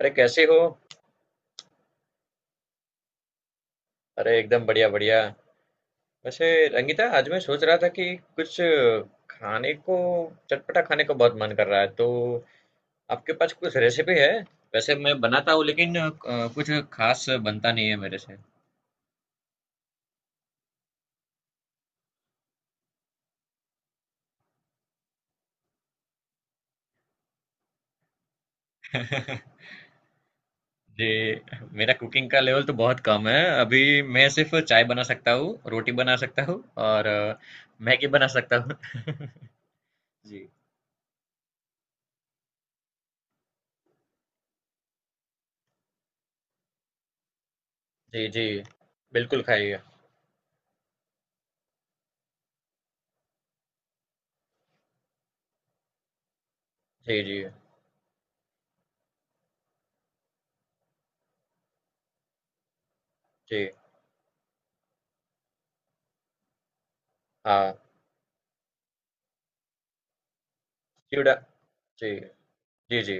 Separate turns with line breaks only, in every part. अरे कैसे हो। अरे एकदम बढ़िया बढ़िया। वैसे रंगीता, आज मैं सोच रहा था कि कुछ खाने को, चटपटा खाने का बहुत मन कर रहा है, तो आपके पास कुछ रेसिपी है? वैसे मैं बनाता हूँ, लेकिन कुछ खास बनता नहीं है मेरे से। जी। मेरा कुकिंग का लेवल तो बहुत कम है, अभी मैं सिर्फ चाय बना सकता हूँ, रोटी बना सकता हूँ, और मैगी बना सकता हूँ। जी जी। जी बिल्कुल, खाइए। जी जी। जी हाँ, चिवड़ा। जी जी, जी,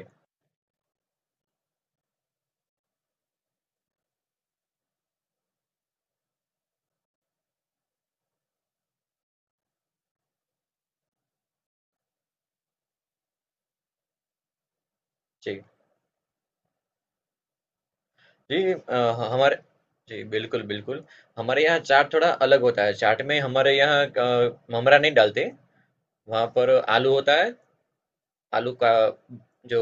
जी। जी ह हमारे। जी, बिल्कुल, बिल्कुल। हमारे यहाँ चाट थोड़ा अलग होता है, चाट में हमारे यहाँ क ममरा नहीं डालते, वहाँ पर आलू होता है, आलू का जो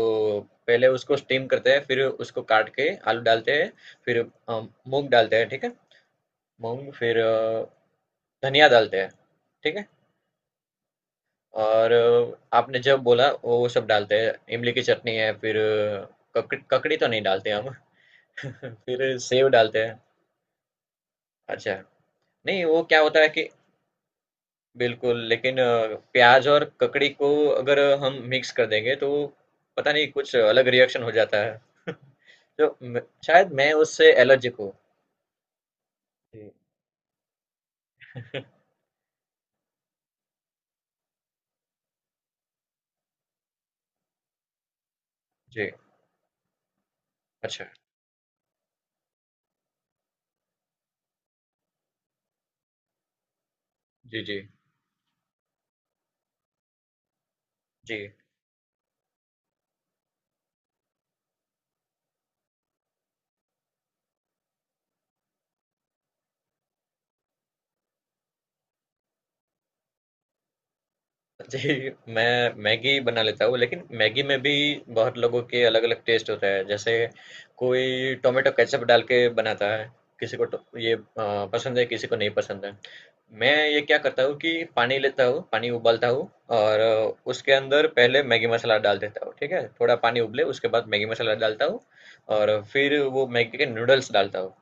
पहले उसको स्टीम करते हैं, फिर उसको काट के आलू डालते हैं, फिर अ, मूँग डालते हैं, ठीक है? मूँग फिर धनिया डालते हैं, ठीक है? और आपने जब बोला वो सब डालते हैं, इमली की चटनी है, फिर ककड़ी ककड़ी तो नहीं डालते हम, फिर सेव डालते हैं। अच्छा। नहीं, वो क्या होता है कि बिल्कुल, लेकिन प्याज़ और ककड़ी को अगर हम मिक्स कर देंगे तो पता नहीं कुछ अलग रिएक्शन हो जाता है। तो म शायद मैं उससे एलर्जिक हूँ। जी। जी, अच्छा। जी, जी। जी। जी, मैं मैगी बना लेता हूँ, लेकिन मैगी में भी बहुत लोगों के अलग-अलग टेस्ट होता है। जैसे कोई टोमेटो केचअप डाल के बनाता है, किसी को टो ये पसंद है, किसी को नहीं पसंद है। मैं ये क्या करता हूँ कि पानी लेता हूँ, पानी उबालता हूँ और उसके अंदर पहले मैगी मसाला डाल देता हूँ, ठीक है? थोड़ा पानी उबले उसके बाद मैगी मसाला डालता हूँ, और फिर वो मैगी के नूडल्स डालता हूँ,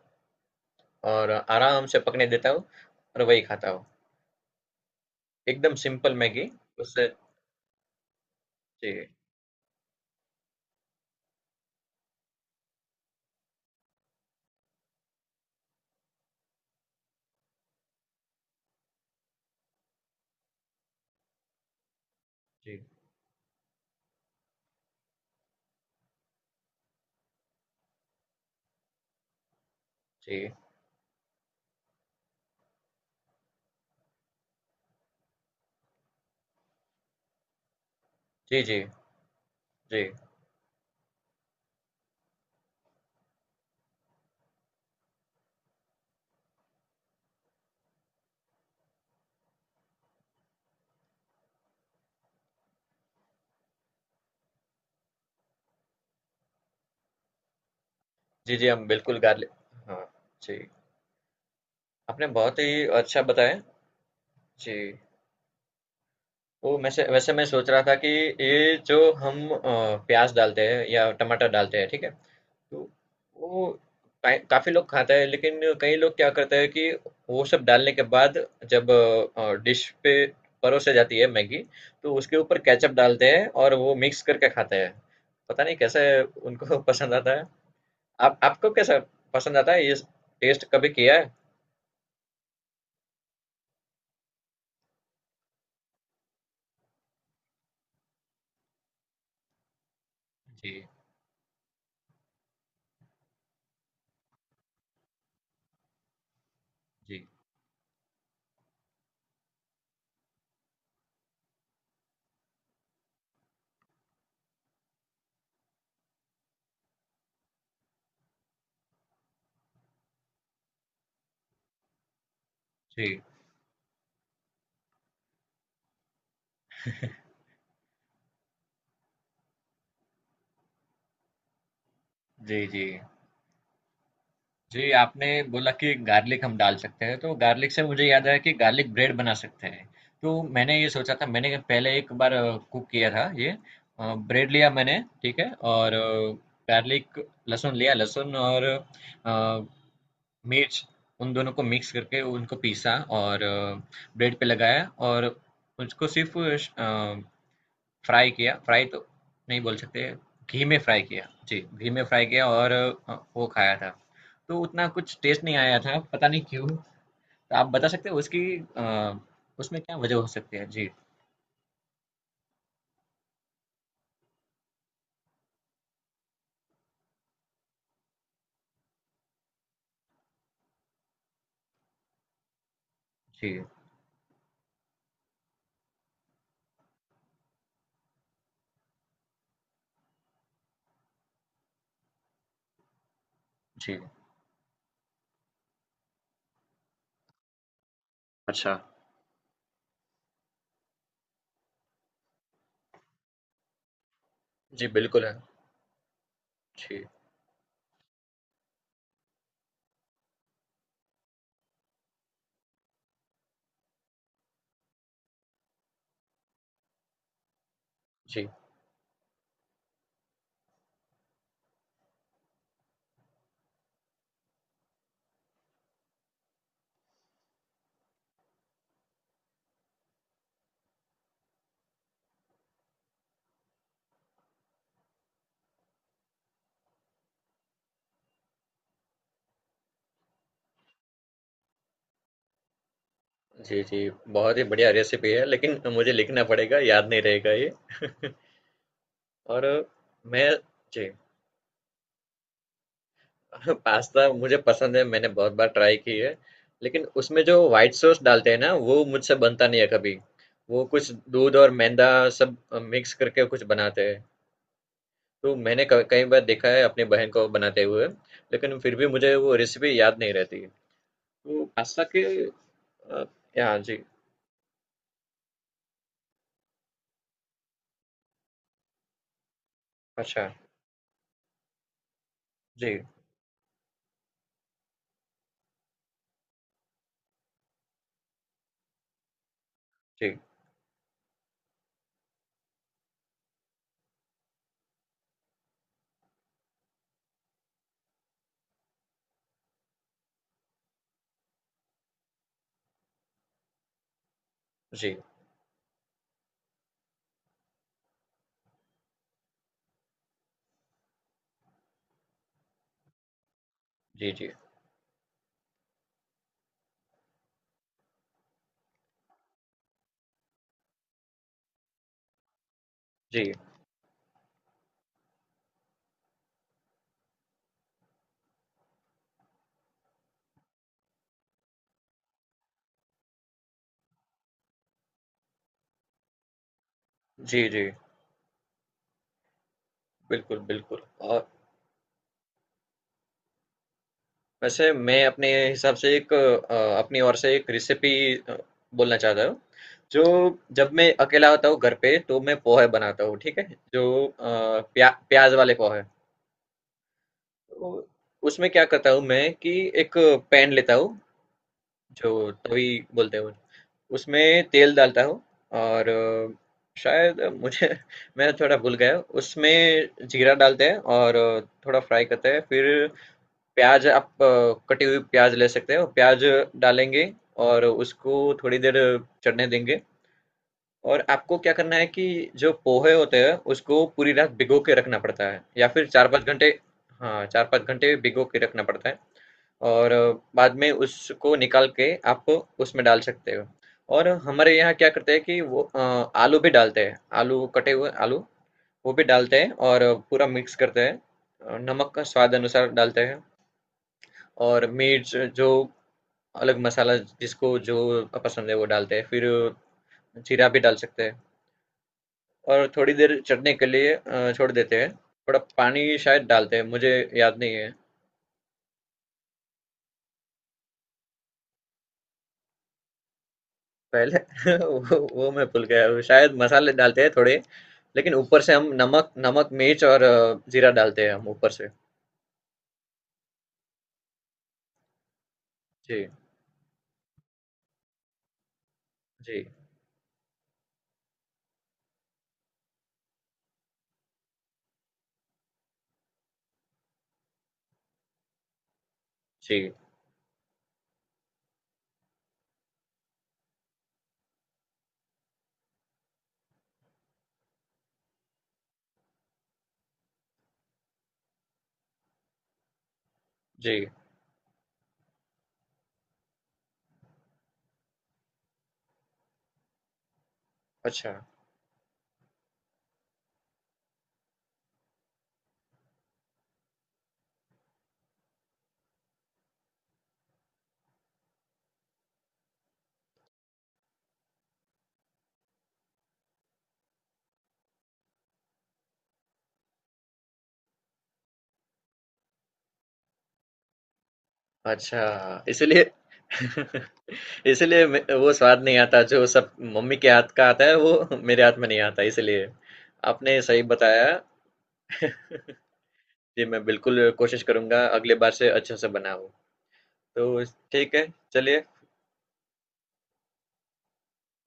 और आराम से पकने देता हूँ, और वही खाता हूँ, एकदम सिंपल मैगी। उससे जी जी। जी जी जी जी। जी जी हम बिल्कुल गार्लिक, हाँ जी। आपने बहुत ही अच्छा बताया। जी। वो वैसे वैसे मैं सोच रहा था कि ये जो हम प्याज डालते हैं या टमाटर डालते हैं, ठीक है? तो वो काफी लोग खाता है, लेकिन कई लोग क्या करते हैं कि वो सब डालने के बाद, जब डिश पे परोसे जाती है मैगी, तो उसके ऊपर केचप डालते हैं और वो मिक्स करके खाते हैं। पता नहीं कैसे उनको पसंद आता है। आप आपको कैसा पसंद आता है, ये टेस्ट कभी किया है? जी जी जी जी जी। जी, आपने बोला कि गार्लिक हम डाल सकते हैं, तो गार्लिक से मुझे याद आया कि गार्लिक ब्रेड बना सकते हैं। तो मैंने ये सोचा था, मैंने पहले एक बार कुक किया था ये। ब्रेड लिया मैंने, ठीक है, और गार्लिक, लहसुन लिया, लहसुन और अ, मिर्च, उन दोनों को मिक्स करके उनको पीसा और ब्रेड पे लगाया और उसको सिर्फ फ्राई किया, फ्राई तो नहीं बोल सकते, घी में फ्राई किया। जी, घी में फ्राई किया और वो खाया था। तो उतना कुछ टेस्ट नहीं आया था, पता नहीं क्यों? तो आप बता सकते हो उसकी अ, उसमें क्या वजह हो सकती है? जी, जी, जी। अच्छा। जी, बिल्कुल है। जी, जी। जी, जी, बहुत ही बढ़िया रेसिपी है, लेकिन मुझे लिखना पड़ेगा, याद नहीं रहेगा ये। और मैं जी। हाँ, पास्ता मुझे पसंद है, मैंने बहुत बार ट्राई की है, लेकिन उसमें जो व्हाइट सॉस डालते हैं ना वो मुझसे बनता नहीं है कभी। वो कुछ दूध और मैदा सब मिक्स करके कुछ बनाते हैं। तो मैंने कई बार देखा है अपनी बहन को बनाते हुए, लेकिन फिर भी मुझे वो रेसिपी याद नहीं रहती। तो पास्ता के अ, या जी। अच्छा। जी जी। जी जी जी जी। जी जी बिल्कुल बिल्कुल। और वैसे मैं अपने हिसाब से एक अपनी ओर से एक रेसिपी बोलना चाहता हूँ, जो जब मैं अकेला होता हूँ घर पे तो मैं पोहे बनाता हूँ, ठीक है? जो प्याज वाले पोहे। तो उसमें क्या करता हूँ मैं कि एक पैन लेता हूँ, जो तवी बोलते हैं, उसमें तेल डालता हूँ और शायद मुझे मैं थोड़ा भूल गया, उसमें जीरा डालते हैं और थोड़ा फ्राई करते हैं, फिर प्याज़ आप कटी हुई प्याज़ ले सकते हो, प्याज़ डालेंगे और उसको थोड़ी देर चढ़ने देंगे। और आपको क्या करना है कि जो पोहे होते हैं, उसको पूरी रात भिगो के रखना पड़ता है या फिर 4-5 घंटे। हाँ, 4-5 घंटे भिगो के रखना पड़ता है, और बाद में उसको निकाल के आप उसमें डाल सकते हो। और हमारे यहाँ क्या करते हैं कि वो आलू भी डालते हैं, आलू कटे हुए आलू वो भी डालते हैं और पूरा मिक्स करते हैं। नमक का स्वाद अनुसार डालते हैं, और मिर्च जो अलग मसाला जिसको जो पसंद है वो डालते हैं, फिर जीरा भी डाल सकते हैं, और थोड़ी देर चटने के लिए छोड़ देते हैं। थोड़ा पानी शायद डालते हैं, मुझे याद नहीं है पहले। वो मैं भूल गया, शायद मसाले डालते हैं थोड़े, लेकिन ऊपर से हम नमक नमक मिर्च और जीरा डालते हैं हम ऊपर से। जी जी। जी जी। अच्छा अच्छा, इसलिए इसलिए मे वो स्वाद नहीं आता जो सब मम्मी के हाथ का आता है वो मेरे हाथ में नहीं आता इसलिए। आपने सही बताया। जी, मैं बिल्कुल कोशिश करूँगा अगली बार से अच्छे से बनाऊँ। तो ठीक है, चलिए।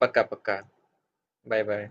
पक्का, पक्का। Bye, bye.